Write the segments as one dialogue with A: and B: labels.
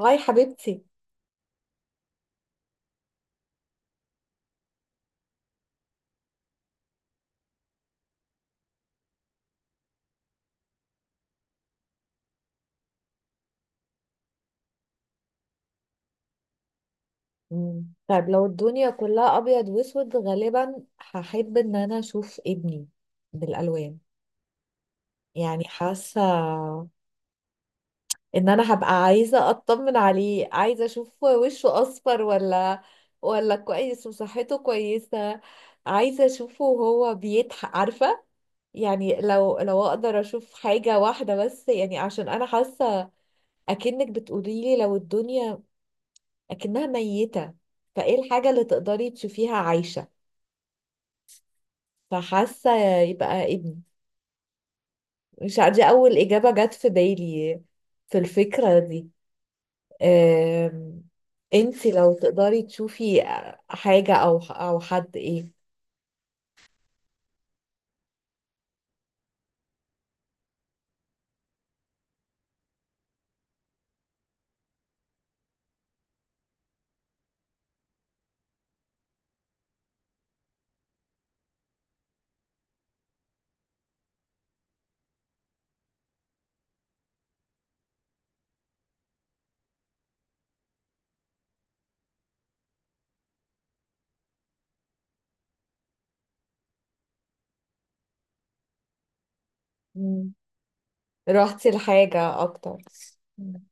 A: هاي حبيبتي. مم. طيب، لو الدنيا كلها ابيض واسود، غالبا هحب ان انا اشوف ابني بالالوان. يعني حاسه ان انا هبقى عايزه اطمن عليه، عايزه اشوف وشه اصفر ولا كويس وصحته كويسه. عايزه اشوفه وهو بيضحك، عارفه. يعني لو اقدر اشوف حاجه واحده بس، يعني عشان انا حاسه اكنك بتقولي لي لو الدنيا اكنها ميته، فايه الحاجه اللي تقدري تشوفيها عايشه؟ فحاسة يبقى ابني. مش عارفة، دي أول إجابة جت في بالي في الفكرة دي. أم... انتي لو تقدري تشوفي حاجة أو حد، إيه؟ مم. رحتي لحاجة أكتر؟ مم.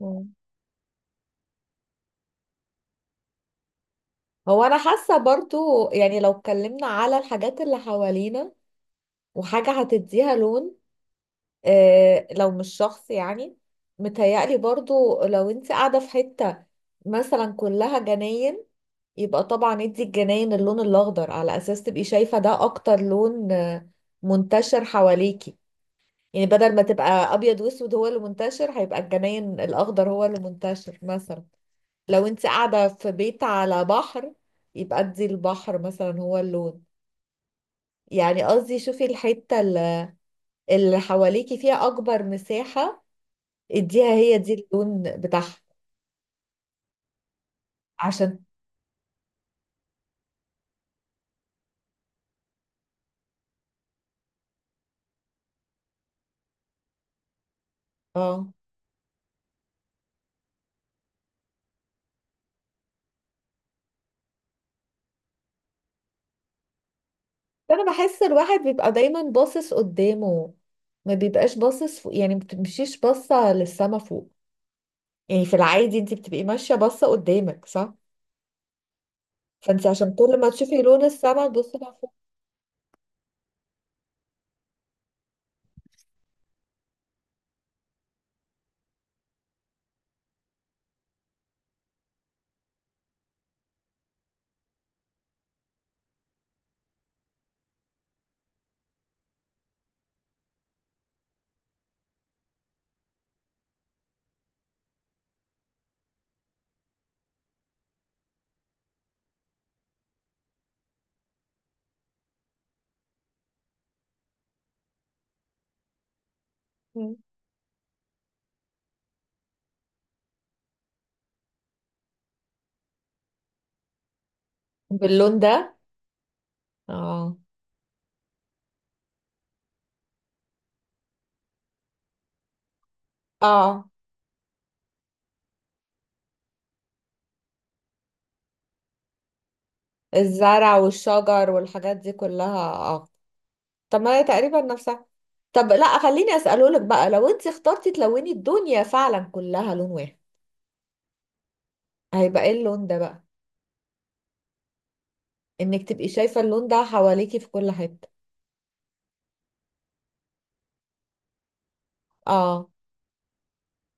A: مم. هو أنا حاسة برضو، يعني لو اتكلمنا على الحاجات اللي حوالينا وحاجة هتديها لون، لو مش شخص يعني. متهيألي برضو لو انت قاعدة في حتة مثلا كلها جناين، يبقى طبعا ادي الجناين اللون الأخضر على أساس تبقي شايفة ده أكتر لون منتشر حواليكي. يعني بدل ما تبقى أبيض وأسود هو اللي منتشر، هيبقى الجناين الأخضر هو اللي منتشر. مثلا لو انت قاعدة في بيت على بحر، يبقى ادي البحر مثلا هو اللون. يعني قصدي شوفي الحتة اللي حواليكي فيها أكبر مساحة، اديها هي دي اللون بتاعها. عشان اه فانا بحس الواحد بيبقى دايما باصص قدامه، ما بيبقاش باصص فوق، يعني ما بتمشيش باصه للسما فوق. يعني في العادي انت بتبقي ماشيه باصه قدامك، صح؟ فانت عشان كل ما تشوفي لون السما تبصي لها فوق. مم. باللون ده. اه، اه، الزرع والشجر والحاجات دي كلها، اه. طب ما هي تقريبا نفسها. طب، لا، خليني اساله لك بقى: لو انت اخترتي تلوني الدنيا فعلا كلها لون واحد، هيبقى ايه اللون ده بقى، انك تبقي شايفة اللون ده حواليكي في كل حتة؟ اه.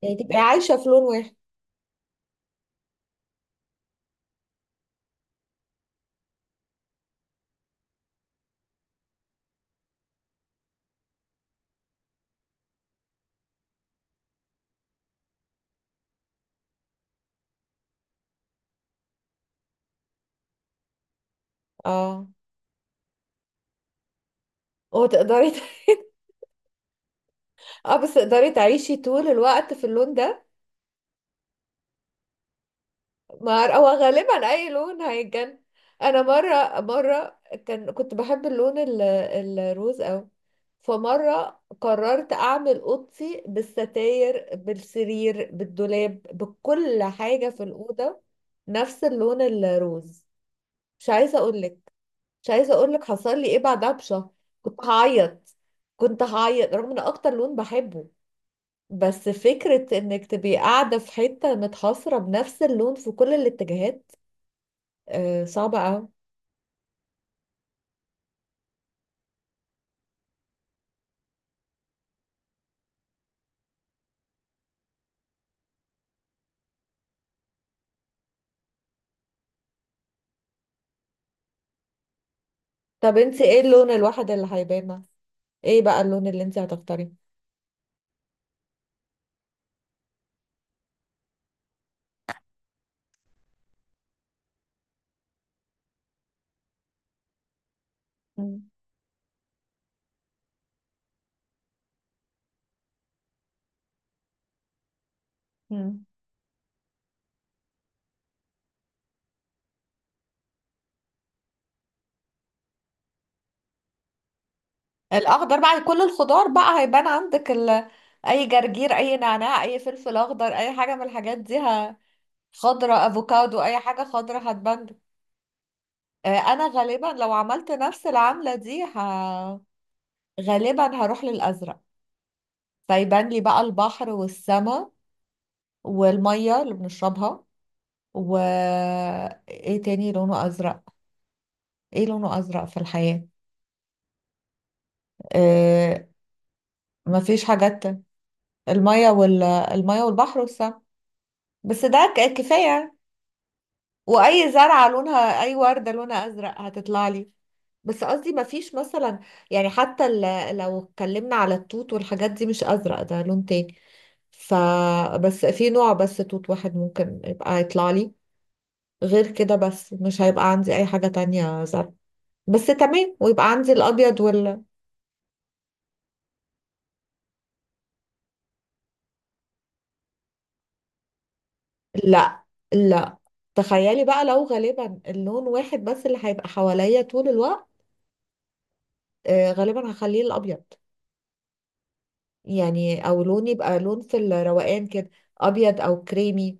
A: يعني تبقي عايشة في لون واحد؟ اه. وتقدري ت- اه، بس تقدري تعيشي طول الوقت في اللون ده؟ ما هو غالبا اي لون هيتجن. انا مرة مرة كنت بحب اللون الروز اوي. فمرة قررت اعمل اوضتي بالستاير، بالسرير، بالدولاب، بكل حاجة في الأوضة نفس اللون الروز. مش عايزة اقولك مش عايزه اقول لك حصل لي ايه بعدها بشهر. كنت هعيط كنت هعيط رغم ان اكتر لون بحبه. بس فكره انك تبقي قاعده في حته متحصره بنفس اللون في كل الاتجاهات، آه صعبه قوي. طب، انت ايه اللون الواحد اللي هيبان؟ ايه بقى اللون اللي انت هتختاريه؟ مم. مم. الاخضر بقى كل الخضار بقى هيبان عندك اي جرجير، اي نعناع، اي فلفل اخضر، اي حاجه من الحاجات دي خضره، افوكادو، اي حاجه خضره هتبان. آه، انا غالبا لو عملت نفس العملة دي غالبا هروح للازرق. فيبان لي بقى البحر والسماء والمية اللي بنشربها، و ايه تاني لونه ازرق؟ ايه لونه ازرق في الحياة؟ آه، مفيش حاجات تانية. المية والبحر والسماء، بس ده كفاية. واي زرعه لونها، اي ورده لونها ازرق هتطلع لي. بس قصدي ما فيش مثلا، يعني حتى لو اتكلمنا على التوت والحاجات دي مش ازرق، ده لون تاني. ف بس في نوع، بس توت واحد ممكن يبقى يطلع لي غير كده، بس مش هيبقى عندي اي حاجه تانية زرق. بس تمام، ويبقى عندي الابيض لا، لا، تخيلي بقى لو غالبا اللون واحد بس اللي هيبقى حواليا طول الوقت، آه، غالبا هخليه الابيض. يعني او لون يبقى لون في الروقان كده، ابيض او كريمي.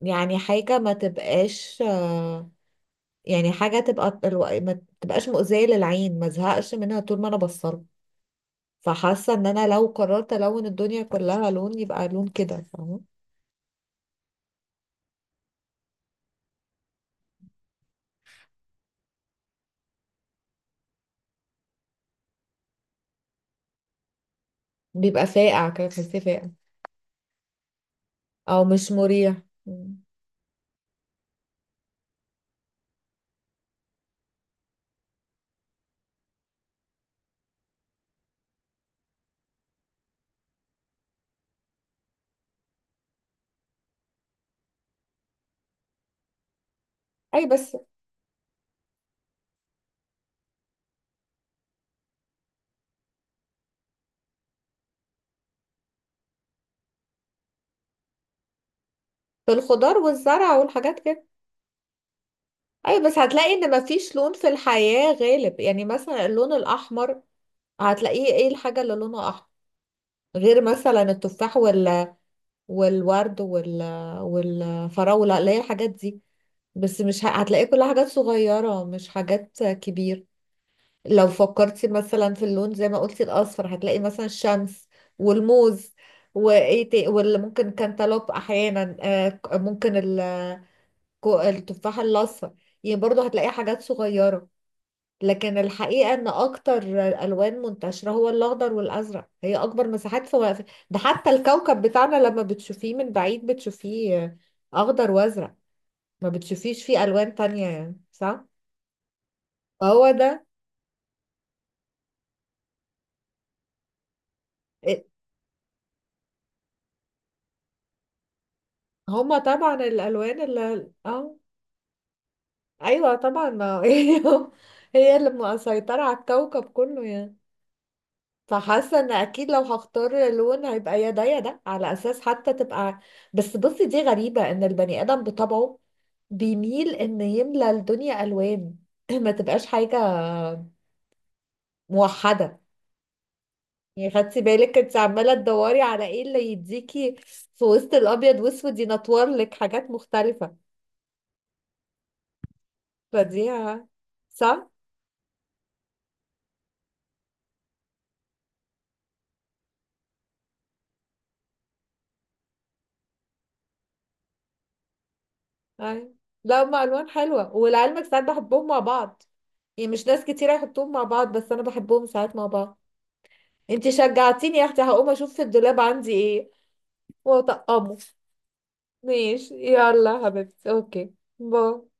A: يعني حاجه ما تبقاش، ما تبقاش مؤذيه للعين ما زهقش منها طول ما انا بصلها. فحاسه ان انا لو قررت الون الدنيا كلها لون، يبقى لون كده، فاهمه؟ بيبقى فاقع كده، تحسيه فاقع. او مش مريح. مم. اي، بس في الخضار والزرع والحاجات كده. اي، بس هتلاقي ان مفيش لون في الحياه غالب، يعني مثلا اللون الاحمر، هتلاقيه ايه الحاجه اللي لونها احمر غير مثلا التفاح والورد والفراولة، اللي هي الحاجات دي. بس مش هتلاقي كلها حاجات صغيرة مش حاجات كبيرة. لو فكرتي مثلا في اللون زي ما قلتي الأصفر، هتلاقي مثلا الشمس والموز واللي ممكن كانتالوب احيانا، ممكن التفاح الاصفر. يعني برضو هتلاقي حاجات صغيرة. لكن الحقيقة ان اكتر الوان منتشرة هو الاخضر والازرق، هي اكبر مساحات في وقف. ده حتى الكوكب بتاعنا لما بتشوفيه من بعيد بتشوفيه اخضر وازرق، ما بتشوفيش فيه الوان تانية، يعني صح؟ فهو ده، إيه، هما طبعا الالوان اللي ايوه طبعا، ما هي هي اللي مسيطرة على الكوكب كله يعني. فحاسه ان اكيد لو هختار لون هيبقى يا ده يا ده، على اساس حتى تبقى. بس بصي، دي غريبه، ان البني ادم بطبعه بيميل ان يملى الدنيا الوان ما تبقاش حاجه موحده. يعني خدتي بالك انت عماله تدوري على ايه اللي يديكي في وسط الابيض واسود، ينطور لك حاجات مختلفه. فدي صح. أي. لا، هما الوان حلوه، ولعلمك ساعات بحبهم مع بعض. يعني مش ناس كتير هيحطوهم مع بعض، بس انا بحبهم ساعات مع بعض. انت شجعتيني يا اختي، هقوم اشوف في الدولاب عندي ايه واطقمه. ماشي، يلا يا حبيبتي، اوكي، باي.